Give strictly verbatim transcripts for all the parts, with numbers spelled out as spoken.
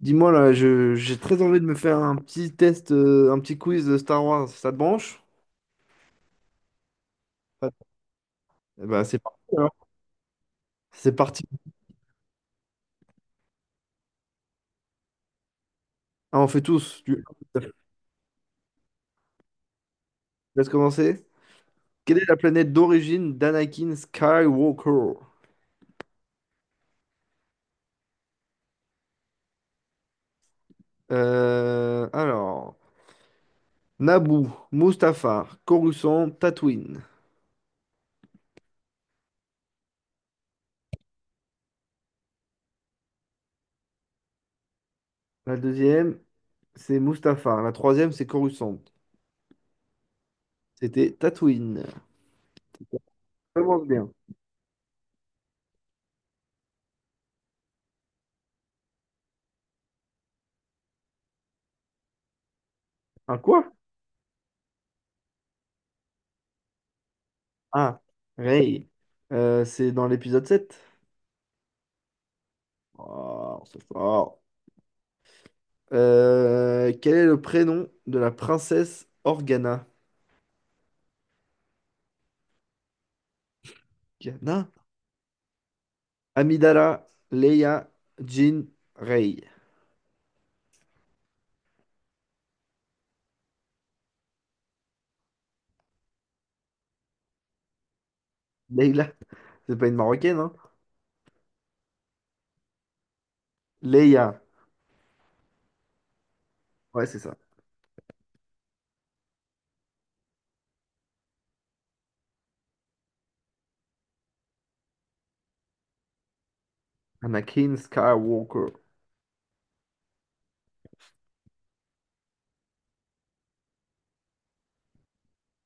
Dis-moi là, je, j'ai très envie de me faire un petit test, euh, un petit quiz de Star Wars. Ça te branche? Ouais. Eh ben, c'est parti alors. C'est parti. Ah, on fait tous. Du... Laisse commencer. Quelle est la planète d'origine d'Anakin Skywalker? Euh, alors, Naboo, Mustafar, Coruscant, Tatooine. La deuxième, c'est Mustafar. La troisième, c'est Coruscant. C'était Tatooine. Ça commence bien. Un quoi? Ah, Rey. Euh, c'est dans l'épisode sept. Oh, c'est fort. Euh, quel est le prénom de la princesse Organa? Organa? Amidala, Leia, Jean, Rey. Leila, c'est pas une Marocaine, hein? Leia, ouais, c'est ça. Anakin Skywalker.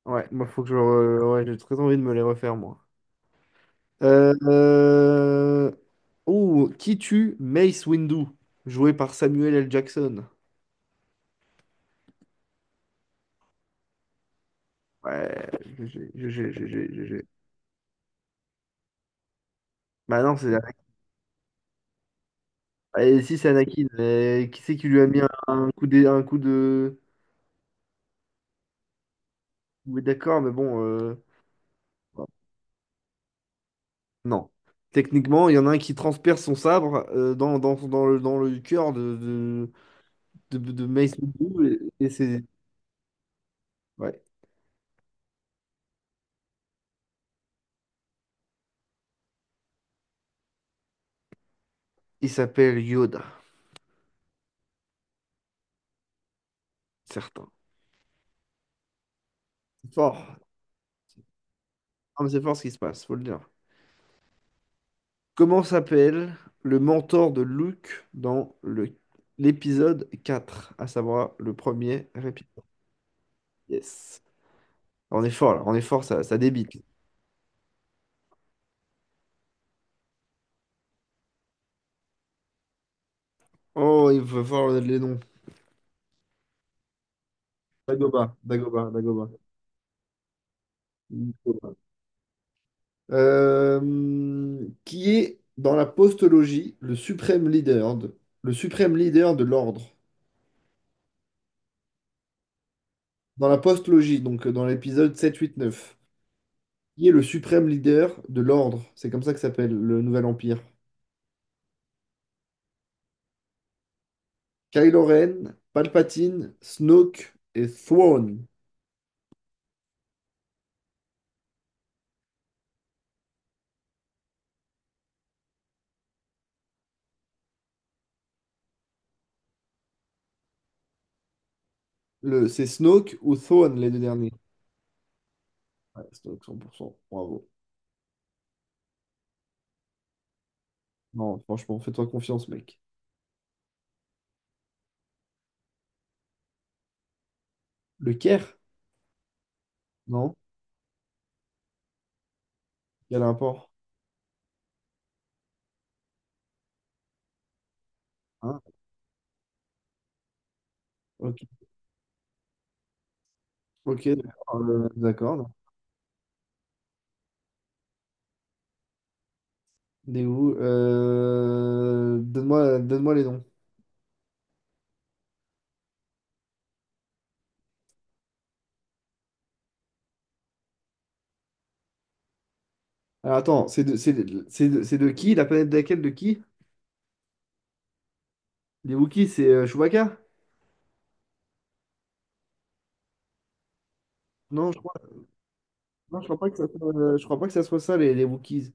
Ouais, moi, faut que je... re- Ouais, j'ai très envie de me les refaire, moi. Euh, euh, Oh, qui tue Mace Windu? Joué par Samuel L. Jackson. Ouais, GG, GG, GG, GG. Bah non, c'est Et si c'est Anakin, mais qui c'est qui lui a mis un, un coup de, un coup de... Oui, d'accord, mais bon, euh, non. Techniquement, il y en a un qui transperce son sabre euh, dans, dans, dans le, dans le cœur de, de, de, de Mace Windu, et, et c'est... Ouais. Il s'appelle Yoda, certain. C'est fort. Ah, mais c'est fort ce qui se passe, faut le dire. Comment s'appelle le mentor de Luke dans le, l'épisode quatre, à savoir le premier épisode? Yes. On est fort là, on est fort, ça, ça débite. Oh, il va falloir les noms. Dagoba, Dagoba, Dagoba. Euh, qui est dans la postologie le suprême leader de, le suprême leader de l'ordre. Dans la postologie, donc euh, dans l'épisode sept huit neuf. Qui est le suprême leader de l'ordre? C'est comme ça que s'appelle le Nouvel Empire. Kylo Ren, Palpatine, Snoke et Thrawn. Le, c'est Snoke ou Thrawn les deux derniers. Ouais, Snoke cent pour cent. Bravo. Non, franchement, fais-toi confiance, mec. Le Caire? Non? Il y a l'import. Hein? Ok, ok, d'accord. Euh, d'accord. Des où? Euh, Donne-moi, donne-moi les noms. Alors attends, c'est de, c'est de, c'est de, c'est de qui? La planète de laquelle de qui? Les Wookiees, c'est euh, Chewbacca? Non, je crois, non, je crois pas que ça soit, euh, je crois pas que ça soit ça, les, les Wookiees.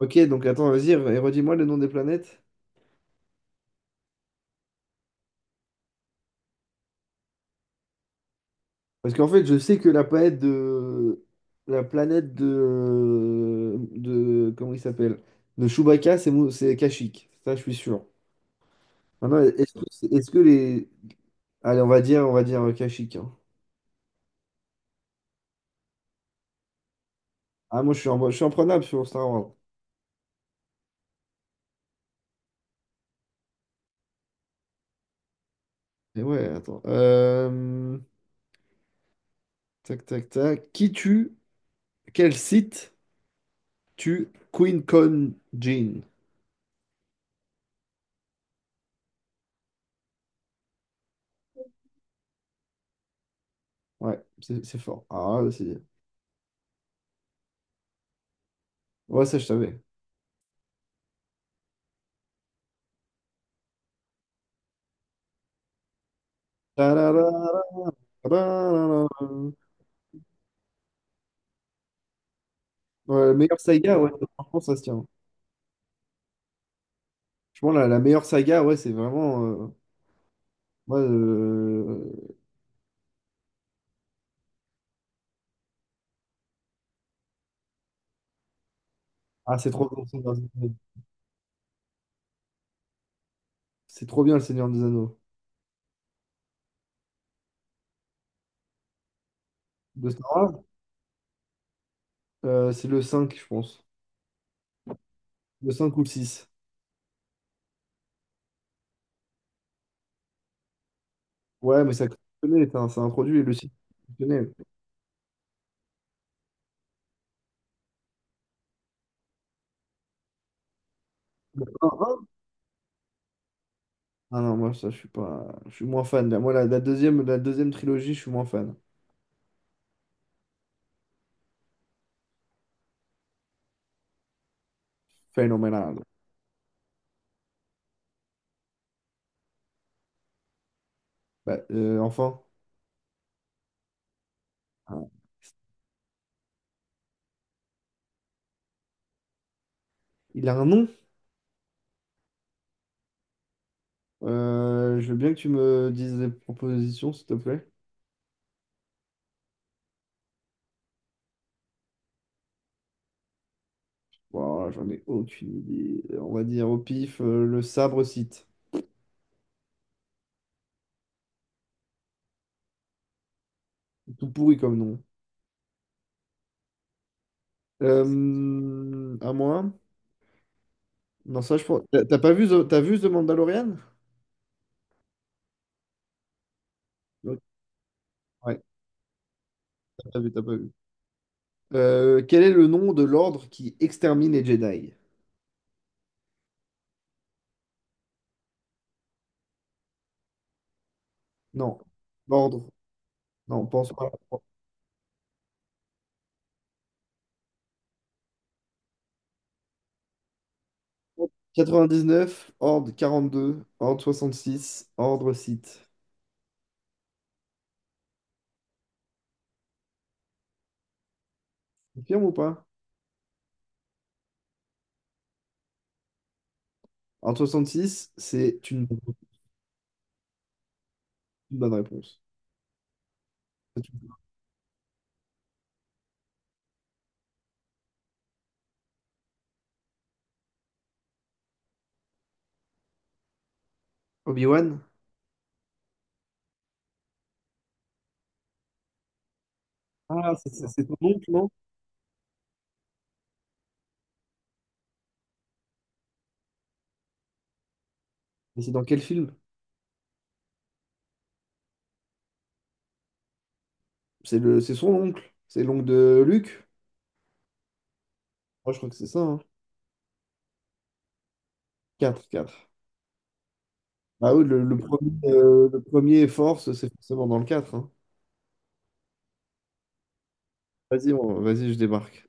Ok, donc attends, vas-y, re- redis-moi le nom des planètes. Parce qu'en fait, je sais que la planète de. La planète de. De comment il s'appelle? De Chewbacca, c'est Mou- c'est Kashyyyk. Ça, je suis sûr. Maintenant, est-ce que, est-ce que les, allez, on va dire, on va dire euh, Kashyyyk. Hein. Ah, moi, je suis, en, je suis imprenable sur Star Wars. Et ouais, attends. Euh, tac, tac, tac. Qui tue, quel site tue Queen Con Jean? Ouais, c'est c'est fort. Ah, là, c'est... Ouais, ça, je savais. Tararara, tararara. Ouais, la meilleure saga, ouais, franchement, ça se tient. Je pense la, la meilleure saga, ouais, c'est vraiment... euh, ouais, euh, Ah, c'est trop bien, le Seigneur des Anneaux. C'est trop bien, le Seigneur des Anneaux. De Star Wars, euh, c'est le cinq, je pense. Le cinq ou le six. Ouais, mais ça connaît, ça, ça introduit le site. Connaît. Ah ah. Ah non, moi, ça, je suis pas. Je suis moins fan. Moi, la, la deuxième, la deuxième trilogie, je suis moins fan. Phénoménal. Bah, euh, enfin, ah, il a un nom. Euh, je veux bien que tu me dises des propositions, s'il te plaît. Wow, j'en ai aucune idée. On va dire au pif, euh, le sabre site. Tout pourri comme nom. Euh, à moi? Non, ça, je pense. T'as t'as pas vu, The- t'as vu The Mandalorian? Ouais, t'as pas vu, t'as pas vu. Euh, quel est le nom de l'ordre qui extermine les Jedi? Non. L'ordre. Non, pense pas. Quatre-vingt-dix-neuf, Ordre quarante-deux, Ordre soixante-six, Ordre Sith. Confirme ou pas? Ordre soixante-six, c'est une, une bonne réponse. C'est une- Obi-Wan? Ah, c'est c'est- c'est ton oncle, non? Mais c'est dans quel film? C'est le, c'est son oncle. C'est l'oncle de Luke? Moi, je crois que c'est ça. Hein. Quatre. 4. Ah oui, le, le premier, euh, le premier Force, c'est forcément dans le quatre. Hein. Vas-y, on- vas-y, je débarque.